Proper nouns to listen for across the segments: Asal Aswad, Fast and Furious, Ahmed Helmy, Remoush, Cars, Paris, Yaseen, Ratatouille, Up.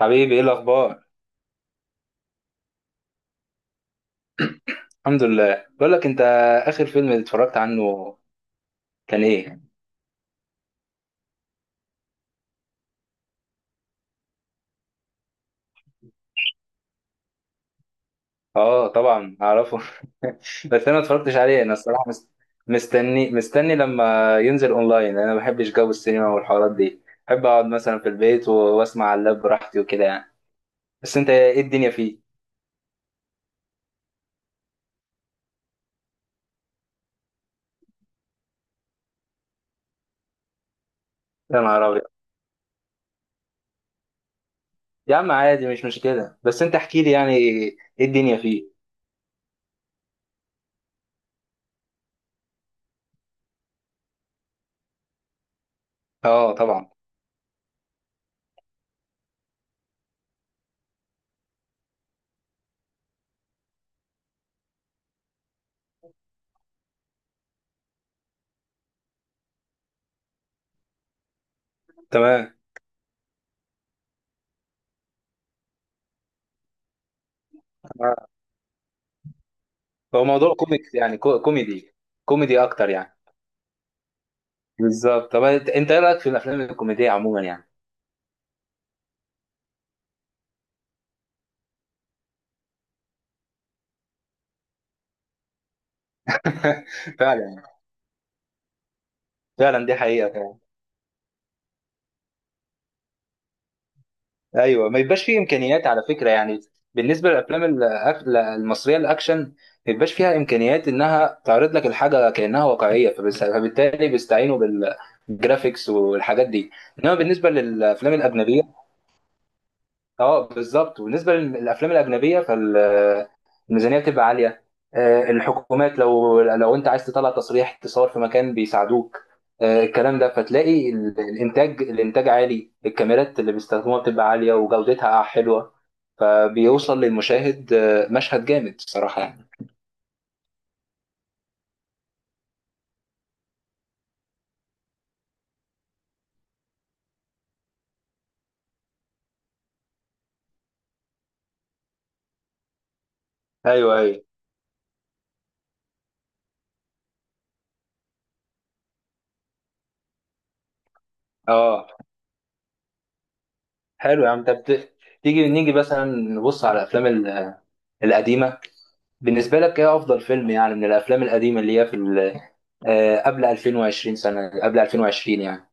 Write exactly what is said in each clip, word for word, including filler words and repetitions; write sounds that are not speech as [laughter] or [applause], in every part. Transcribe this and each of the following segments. حبيبي، ايه الاخبار؟ الحمد لله. بقول لك انت، اخر فيلم اتفرجت عنه كان ايه؟ اه، طبعا اعرفه. [laughs] بس انا ما اتفرجتش عليه. انا الصراحه مست... مستني مستني لما ينزل اونلاين. انا ما بحبش جو السينما والحوارات دي. بحب اقعد مثلا في البيت و- واسمع على اللاب براحتي وكده يعني. بس انت، ايه الدنيا فيه؟ يا نهار ابيض! يا عم عادي، مش مشكله. بس انت احكي لي، يعني ايه الدنيا فيه؟ اه، طبعا. تمام. هو موضوع كوميك، يعني كو- كوميدي؟ كوميدي اكتر يعني. بالظبط. طب انت انت ايه رايك في الافلام الكوميديه عموما يعني؟ [laughs] فعلا. فعلا دي حقيقه فعلا. ايوه، ما يبقاش فيه امكانيات على فكره يعني. بالنسبه للافلام الأك- المصريه الاكشن، ما يبقاش فيها امكانيات انها تعرض لك الحاجه كانها واقعيه، فبس- فبالتالي بيستعينوا بالجرافيكس والحاجات دي. انما بالنسبه للافلام الاجنبيه، اه بالظبط. وبالنسبه للافلام الاجنبيه فال الميزانيه بتبقى عاليه. آه، الحكومات، لو لو انت عايز تطلع تصريح تصور في مكان بيساعدوك. آه، الكلام ده، فتلاقي ال- الانتاج الانتاج عالي، الكاميرات اللي بيستخدموها بتبقى عاليه وجودتها حلوه. فبيوصل للمشاهد آه، مشهد جامد الصراحه يعني. ايوه، ايوه، اه. حلو يا عم. طب ت- تيجي نيجي مثلا نبص على الافلام ال- القديمه. بالنسبه لك، ايه افضل فيلم يعني من الافلام القديمه اللي هي في ال- آه، قبل ألفين وعشرين سنه، قبل ألفين وعشرين يعني؟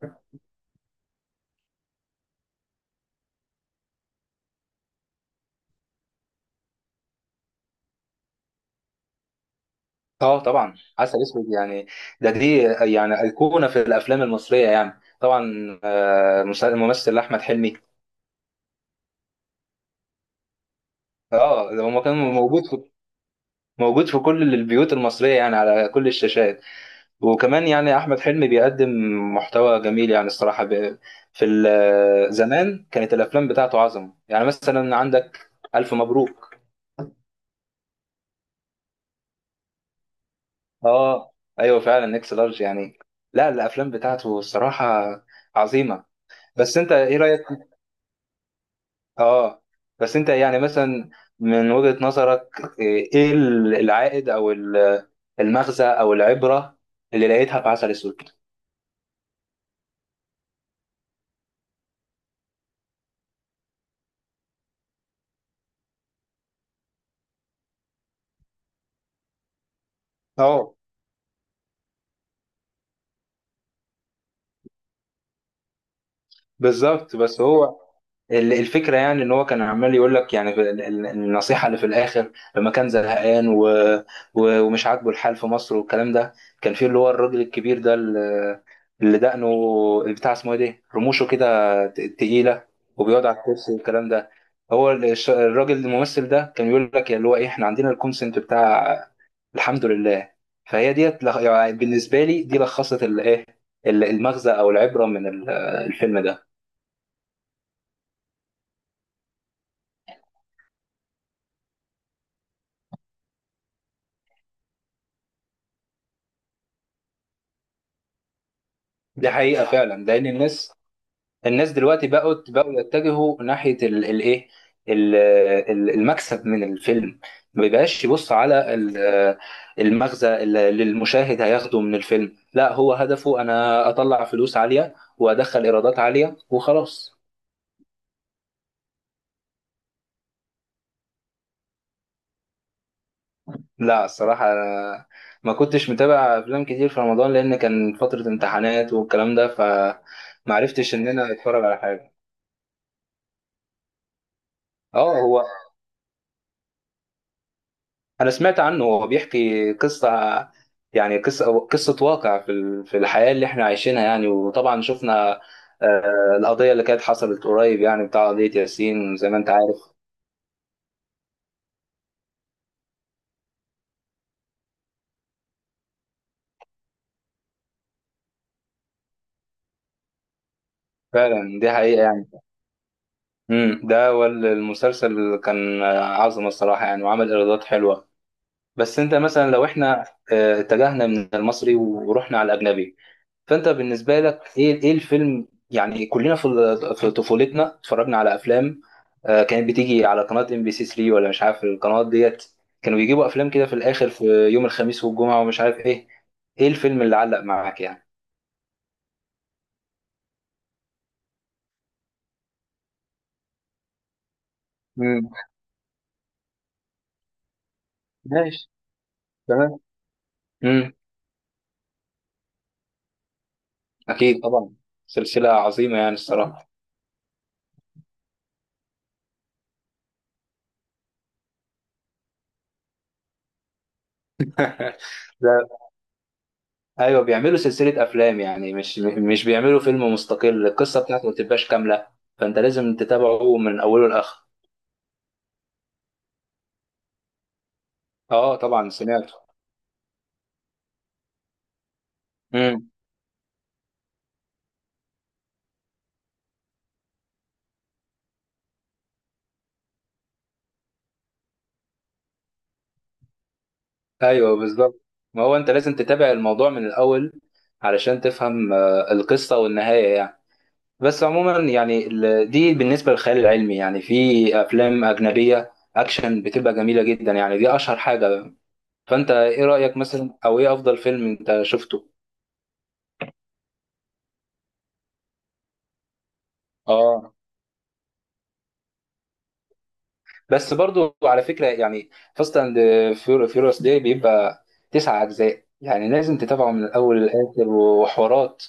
اه طبعا، عسل اسود يعني. ده دي يعني ايقونه في الافلام المصريه يعني طبعا. آه، مس- الممثل احمد حلمي. اه ده هو كان موجود في موجود في كل البيوت المصريه، يعني على كل الشاشات. وكمان يعني احمد حلمي بيقدم محتوى جميل يعني الصراحه. ب- في ال- زمان كانت الافلام بتاعته عظمه، يعني مثلا عندك الف مبروك. اه ايوه، فعلا اكس لارج يعني. لا، الافلام بتاعته الصراحه عظيمه. بس انت ايه رايك؟ اه، بس انت يعني مثلا، من وجهة نظرك ايه، إيه ال- العائد او ال- المغزى او العبرة اللي لقيتها في عسل اسود؟ اه بالظبط. بس هو ال- الفكرة يعني ان هو كان عمال يقول لك يعني، في ال- ال- النصيحة اللي في الاخر لما كان زهقان و... و... ومش عاجبه الحال في مصر والكلام ده. كان في اللي هو الراجل الكبير ده اللي, اللي دقنه بتاع، اسمه ايه ده، رموشه كده ت- تقيلة، وبيقعد على الكرسي والكلام ده. هو ال- الش- الراجل الممثل ده كان بيقول لك اللي هو ايه، احنا عندنا الكونسنت بتاع الحمد لله. فهي ديت لخ- يعني بالنسبة لي دي لخصت الايه، المغزى او العبرة من ال- الفيلم ده. دي حقيقة فعلا لأن الناس الناس دلوقتي بقوا بقوا يتجهوا ناحية ال- الايه، ال- ال- المكسب من الفيلم. ما بيبقاش يبص على ال- المغزى اللي اللي المشاهد هياخده من الفيلم، لا هو هدفه انا اطلع فلوس عالية وادخل ايرادات عالية وخلاص. لا الصراحة، أنا ما كنتش متابع افلام كتير في رمضان لان كان فترة امتحانات والكلام ده، فمعرفتش ان انا اتفرج على حاجة. اه هو انا سمعت عنه، هو بيحكي قصه، يعني قصه قصه واقع في ال- في الحياه اللي احنا عايشينها يعني، وطبعا شفنا آه، القضيه اللي كانت حصلت قريب، يعني بتاع قضيه ياسين زي ما انت عارف. فعلا دي حقيقه يعني. امم ده، والمسلسل كان آه، عظمه الصراحه يعني، وعمل ايرادات حلوه. بس انت مثلا لو احنا آه، اتجهنا من المصري ورحنا على الاجنبي، فانت بالنسبه لك ايه، ايه الفيلم يعني. كلنا في ال- في طفولتنا اتفرجنا على افلام آه، كانت بتيجي على قناه ام بي سي ثلاثة ولا مش عارف القنوات ديت، كانوا بيجيبوا افلام كده في الاخر، في يوم الخميس والجمعه ومش عارف ايه. ايه الفيلم اللي علق معاك يعني؟ مم. ماشي. تمام. امم، اكيد طبعا. سلسله عظيمه يعني الصراحه. [laughs] لا، ايوه بيعملوا سلسله افلام يعني، مش مش بيعملوا فيلم مستقل، القصه بتاعته ما بتبقاش كامله. فانت لازم تتابعه من اوله لاخره. اه طبعا، سمعت. امم، ايوه بالظبط. ما هو انت لازم تتابع الموضوع من الاول علشان تفهم آه، القصه والنهايه يعني. بس عموما يعني ال- دي بالنسبه للخيال العلمي، يعني في افلام اجنبيه اكشن بتبقى جميله جدا يعني، دي اشهر حاجه. فانت ايه رايك مثلا، او ايه افضل فيلم انت شفته؟ اه، بس برضو على فكره يعني، فاست اند فيوريوس دي بيبقى تسع اجزاء يعني لازم تتابعه من الاول للاخر وحوارات.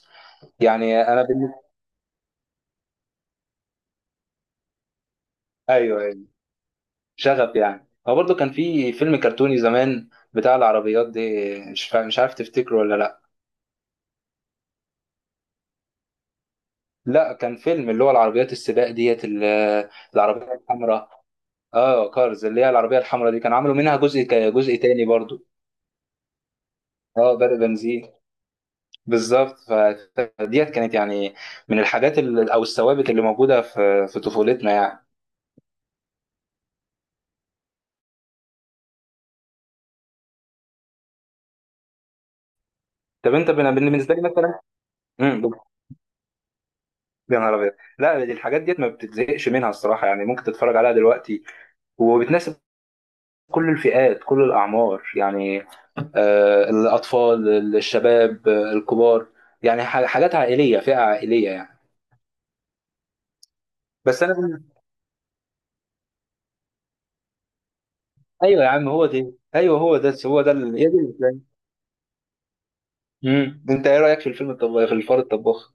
يعني انا بالنسبه، ايوه أيوه. شغف يعني، هو برضه كان في فيلم كرتوني زمان بتاع العربيات دي. مش فا- مش عارف تفتكره ولا لا. لا كان فيلم، اللي هو العربيات السباق ديت ال- العربية الحمراء. اه كارز، اللي هي العربية الحمراء دي كان عملوا منها جزء ك- جزء تاني برضه. اه برق بنزين. بالظبط. فديت كانت يعني من الحاجات ال- او الثوابت اللي موجودة في في طفولتنا يعني. طب انت بن- بالنسبة لي مثلا. امم يا نهار ابيض! لا دي الحاجات ديت ما بتتزهقش منها الصراحة يعني، ممكن تتفرج عليها دلوقتي، وبتناسب كل الفئات، كل الأعمار يعني. آه، الأطفال، الشباب، آه، الكبار، يعني ح- حاجات عائلية، فئة عائلية يعني. بس أنا بقول- أيوه يا عم، هو دي أيوه، هو ده هو ده ال- هي دي الإسلام. مم. أنت إيه رأيك في الفيلم الطباخ في الفار الطباخ؟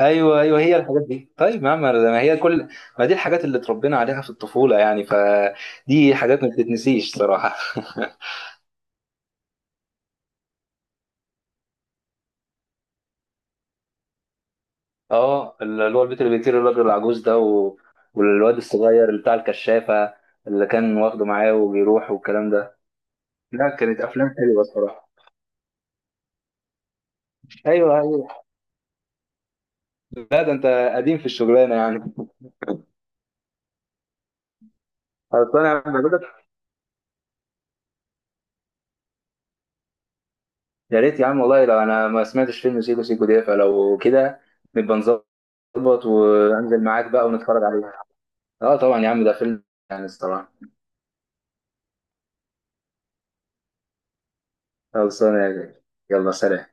أيوه أيوه، هي الحاجات دي. طيب يا عم ما هي كل ما دي الحاجات اللي اتربينا عليها في الطفولة يعني، فدي حاجات ما بتتنسيش صراحة. [laughs] اه، اللي هو البيت اللي بيطير، الراجل العجوز ده و... والواد الصغير اللي بتاع الكشافة، اللي كان واخده معاه وبيروح والكلام ده. لا كانت افلام حلوه الصراحه. ايوه، ايوه. لا ده انت قديم في الشغلانه يعني. خلصان يا عم بقولك. يا ريت يا عم والله، لو انا ما سمعتش فيلم سيكو سيكو ده، فلو كده نبقى نظبط وانزل معاك بقى ونتفرج عليه. اه طبعا يا عم، ده فيلم يعني الصراحه. خلصانه، يا جاي. يلا، سلام.